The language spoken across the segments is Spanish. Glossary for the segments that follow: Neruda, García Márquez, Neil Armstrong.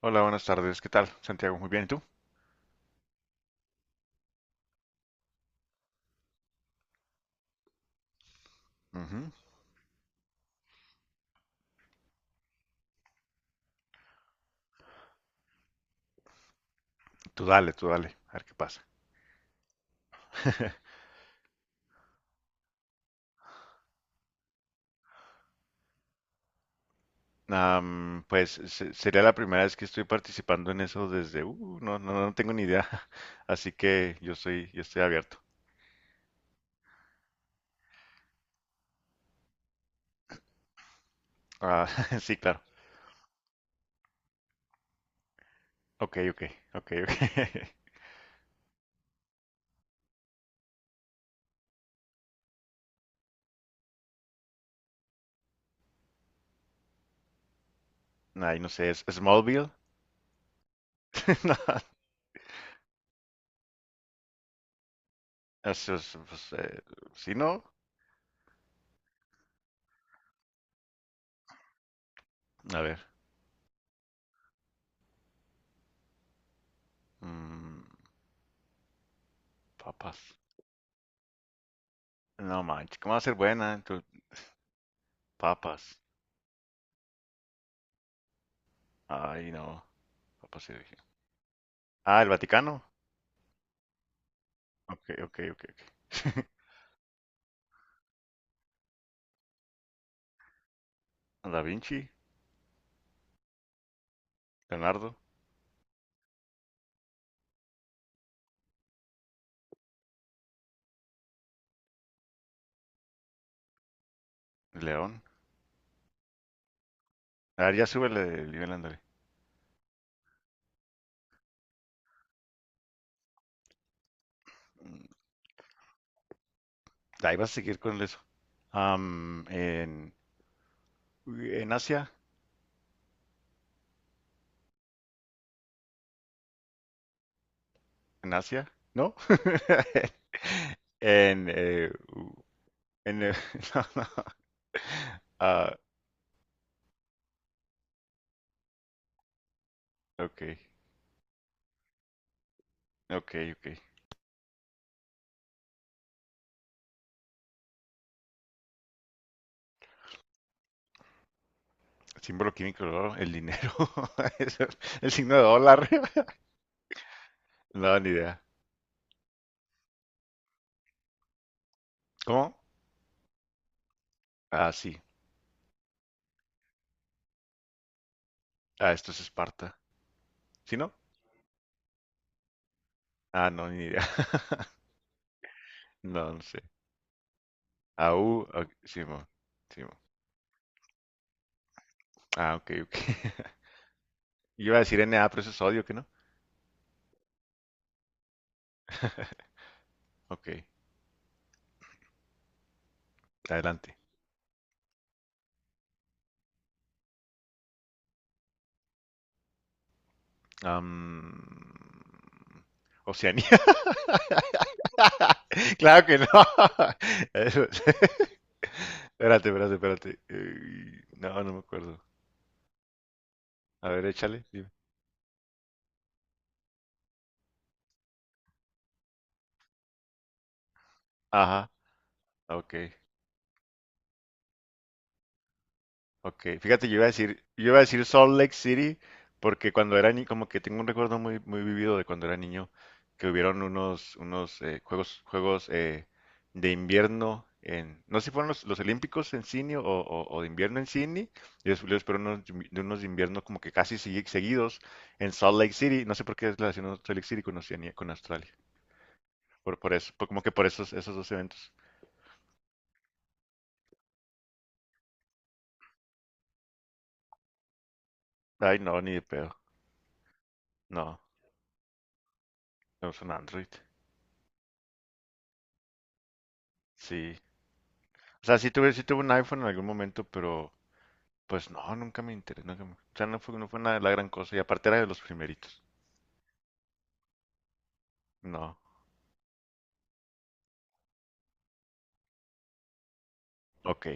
Hola, buenas tardes. ¿Qué tal, Santiago? Muy bien, ¿y tú? Ujú. Tú dale, a ver qué pasa. Sería la primera vez que estoy participando en eso desde, no, no, no tengo ni idea, así que yo estoy abierto. Ah, sí, claro. Ok, ok, ok, ok. Ay, no sé, ¿es Smallville? No, eso es, ¿sí no? A ver, mm, papas. No manches, ¿cómo va a ser buena? Tú. Papas. Ay, no, papas sí dije. Ah, el Vaticano. Ok, ok, ok, ok. Da Vinci, Leonardo, león. A ver, ya súbele el nivel, ándale. Mm, Ahí vas a seguir con eso. Am, en, en Asia, en Asia, ¿no? En, eh, u- en, eh, no, no. Ah, ok, ok, ok. Símbolo químico del oro, el dinero. Eso, el signo de dólar. No, ni idea. ¿Cómo? Ah, sí. Ah, esto es Esparta. ¿Sí no? Ah, no, ni idea. No, no sé. AU, ok, Simón, Simón. Ah, ok, ok. Yo iba a decir NA, pero eso es odio, ¿que no? Ok, adelante. Am, Oceanía. Claro que no. Eso es. Espérate, espérate, espérate. No, no me acuerdo. A ver, échale, dime. Ajá, ok. Ok, fíjate, yo iba a decir Salt Lake City porque cuando era niño, como que tengo un recuerdo muy, muy vivido de cuando era niño, que hubieron unos juegos de invierno en, no sé si fueron los Olímpicos en Sydney o de invierno en Sydney, y después fueron unos de unos de invierno como que casi seguidos en Salt Lake City. No sé por qué relaciono Salt Lake City con Oceanía, con Australia, por eso, como que por esos, esos dos eventos. Ay, no, ni de pedo. No, es un Android. Sí. O sea, sí tuve un iPhone en algún momento, pero pues no, nunca me interesó, nunca me, o sea, no fue nada de la gran cosa. Y aparte era de los primeritos. No. Ok.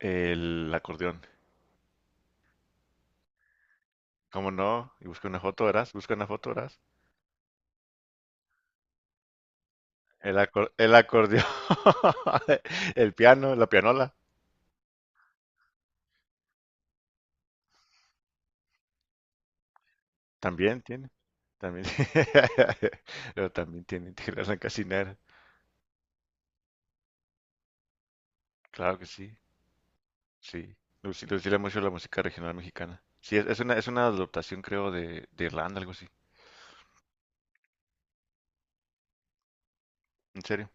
El acordeón. ¿Cómo no? Y busca una foto, verás. Busca una foto, verás. El acordeón. El piano, la pianola. También tiene. También. Pero también tiene, tiene la cancinera. Claro que sí. Sí. Le gusta mucho la música regional mexicana. Sí, es una adaptación, creo, de Irlanda, algo así. ¿En serio?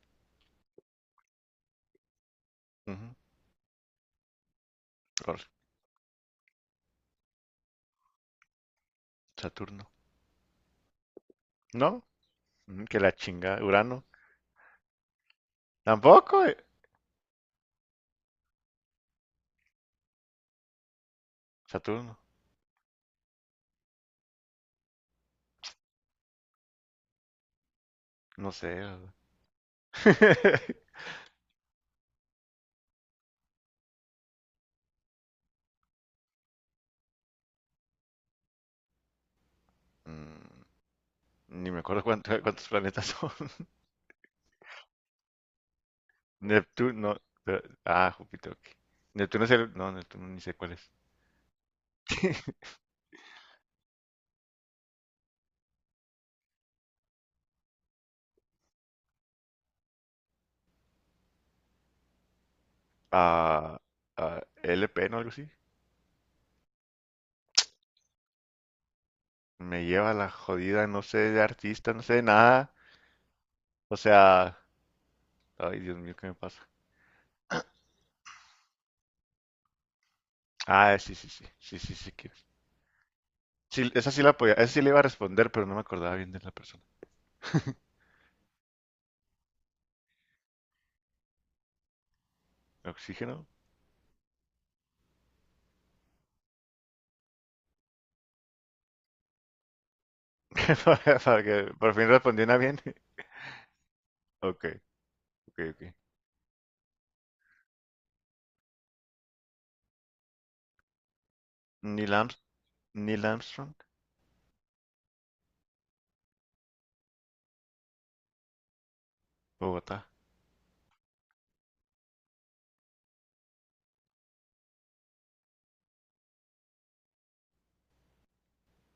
Ujú. Rol, Saturno. ¿No? Que la chinga. Urano. Tampoco. Saturno. No sé. Mm, ni me acuerdo cuántos planetas son. Neptuno, pero. Ah, Júpiter. Ok. Neptuno es el. No, Neptuno ni sé cuál es. Ah, LP, ¿no? Algo así. Me lleva la jodida, no sé de artista, no sé de nada. O sea. Ay, Dios mío, ¿qué me pasa? Ah, sí, sí, sí. Sí, sí, sí, que. Sí, esa sí la podía. Esa sí le iba a responder, pero no me acordaba bien de la persona. ¿Oxígeno? para que por fin respondiera bien. Ok, ok, ok. Neil Arms- Neil Armstrong. Bogotá.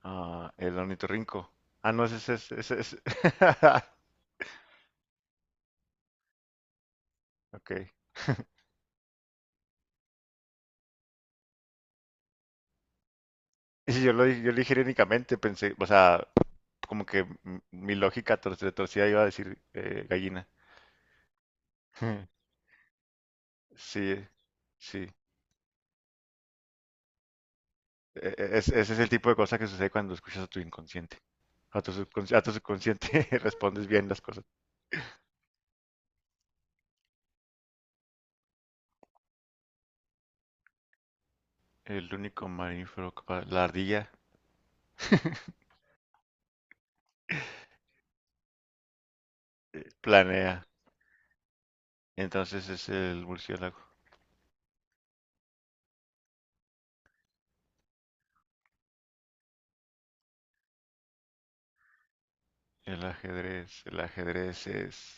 Ah, el ornitorrinco. Ah, no, ese es. Ese. Ok. Y si yo lo dije irónicamente, pensé, o sea, como que mi lógica de torcida iba a decir gallina. Sí, sí. Ese es el tipo de cosa que sucede cuando escuchas a tu inconsciente. A tu subconsciente respondes bien las cosas. El único mamífero capaz. La ardilla planea. Entonces es el murciélago. El ajedrez. El ajedrez es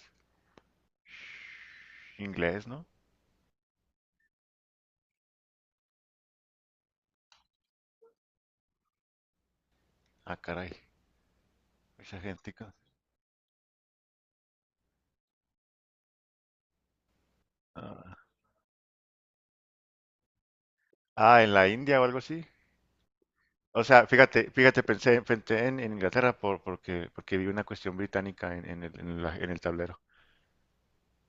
inglés, ¿no? Ah, caray. Esa gente, que. Ah. Ah, en la India o algo así. O sea, fíjate, fíjate, pensé en Inglaterra porque, porque vi una cuestión británica en, en el tablero.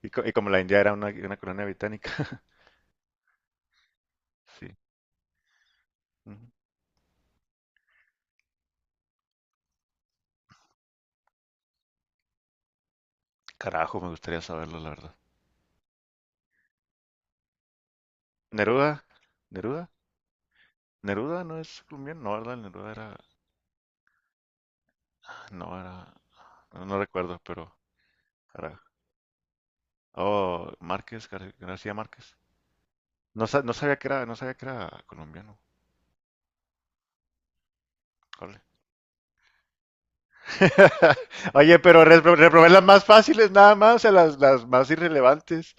Y, y como la India era una colonia británica. Sí. Ujú. Carajo, me gustaría saberlo, la verdad. Neruda, Neruda, Neruda no es colombiano, no, ¿verdad? Neruda era. No era, no, no recuerdo, pero era. Oh, Márquez, García Márquez. No, no sabía que era, no sabía que era colombiano. Órale. Oye, pero reprobé las más fáciles nada más, a las más irrelevantes.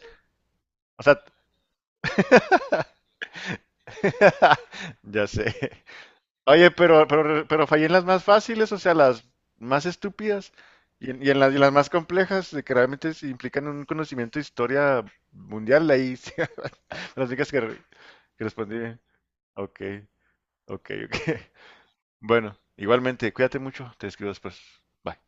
O sea, ya sé. Oye, pero fallé en las más fáciles, o sea, las más estúpidas y y las más complejas, de que realmente sí implican un conocimiento de historia mundial, ahí sí, las únicas que, que respondí bien. Ok. Ok, ok. Bueno, igualmente, cuídate mucho, te escribo después. Bye.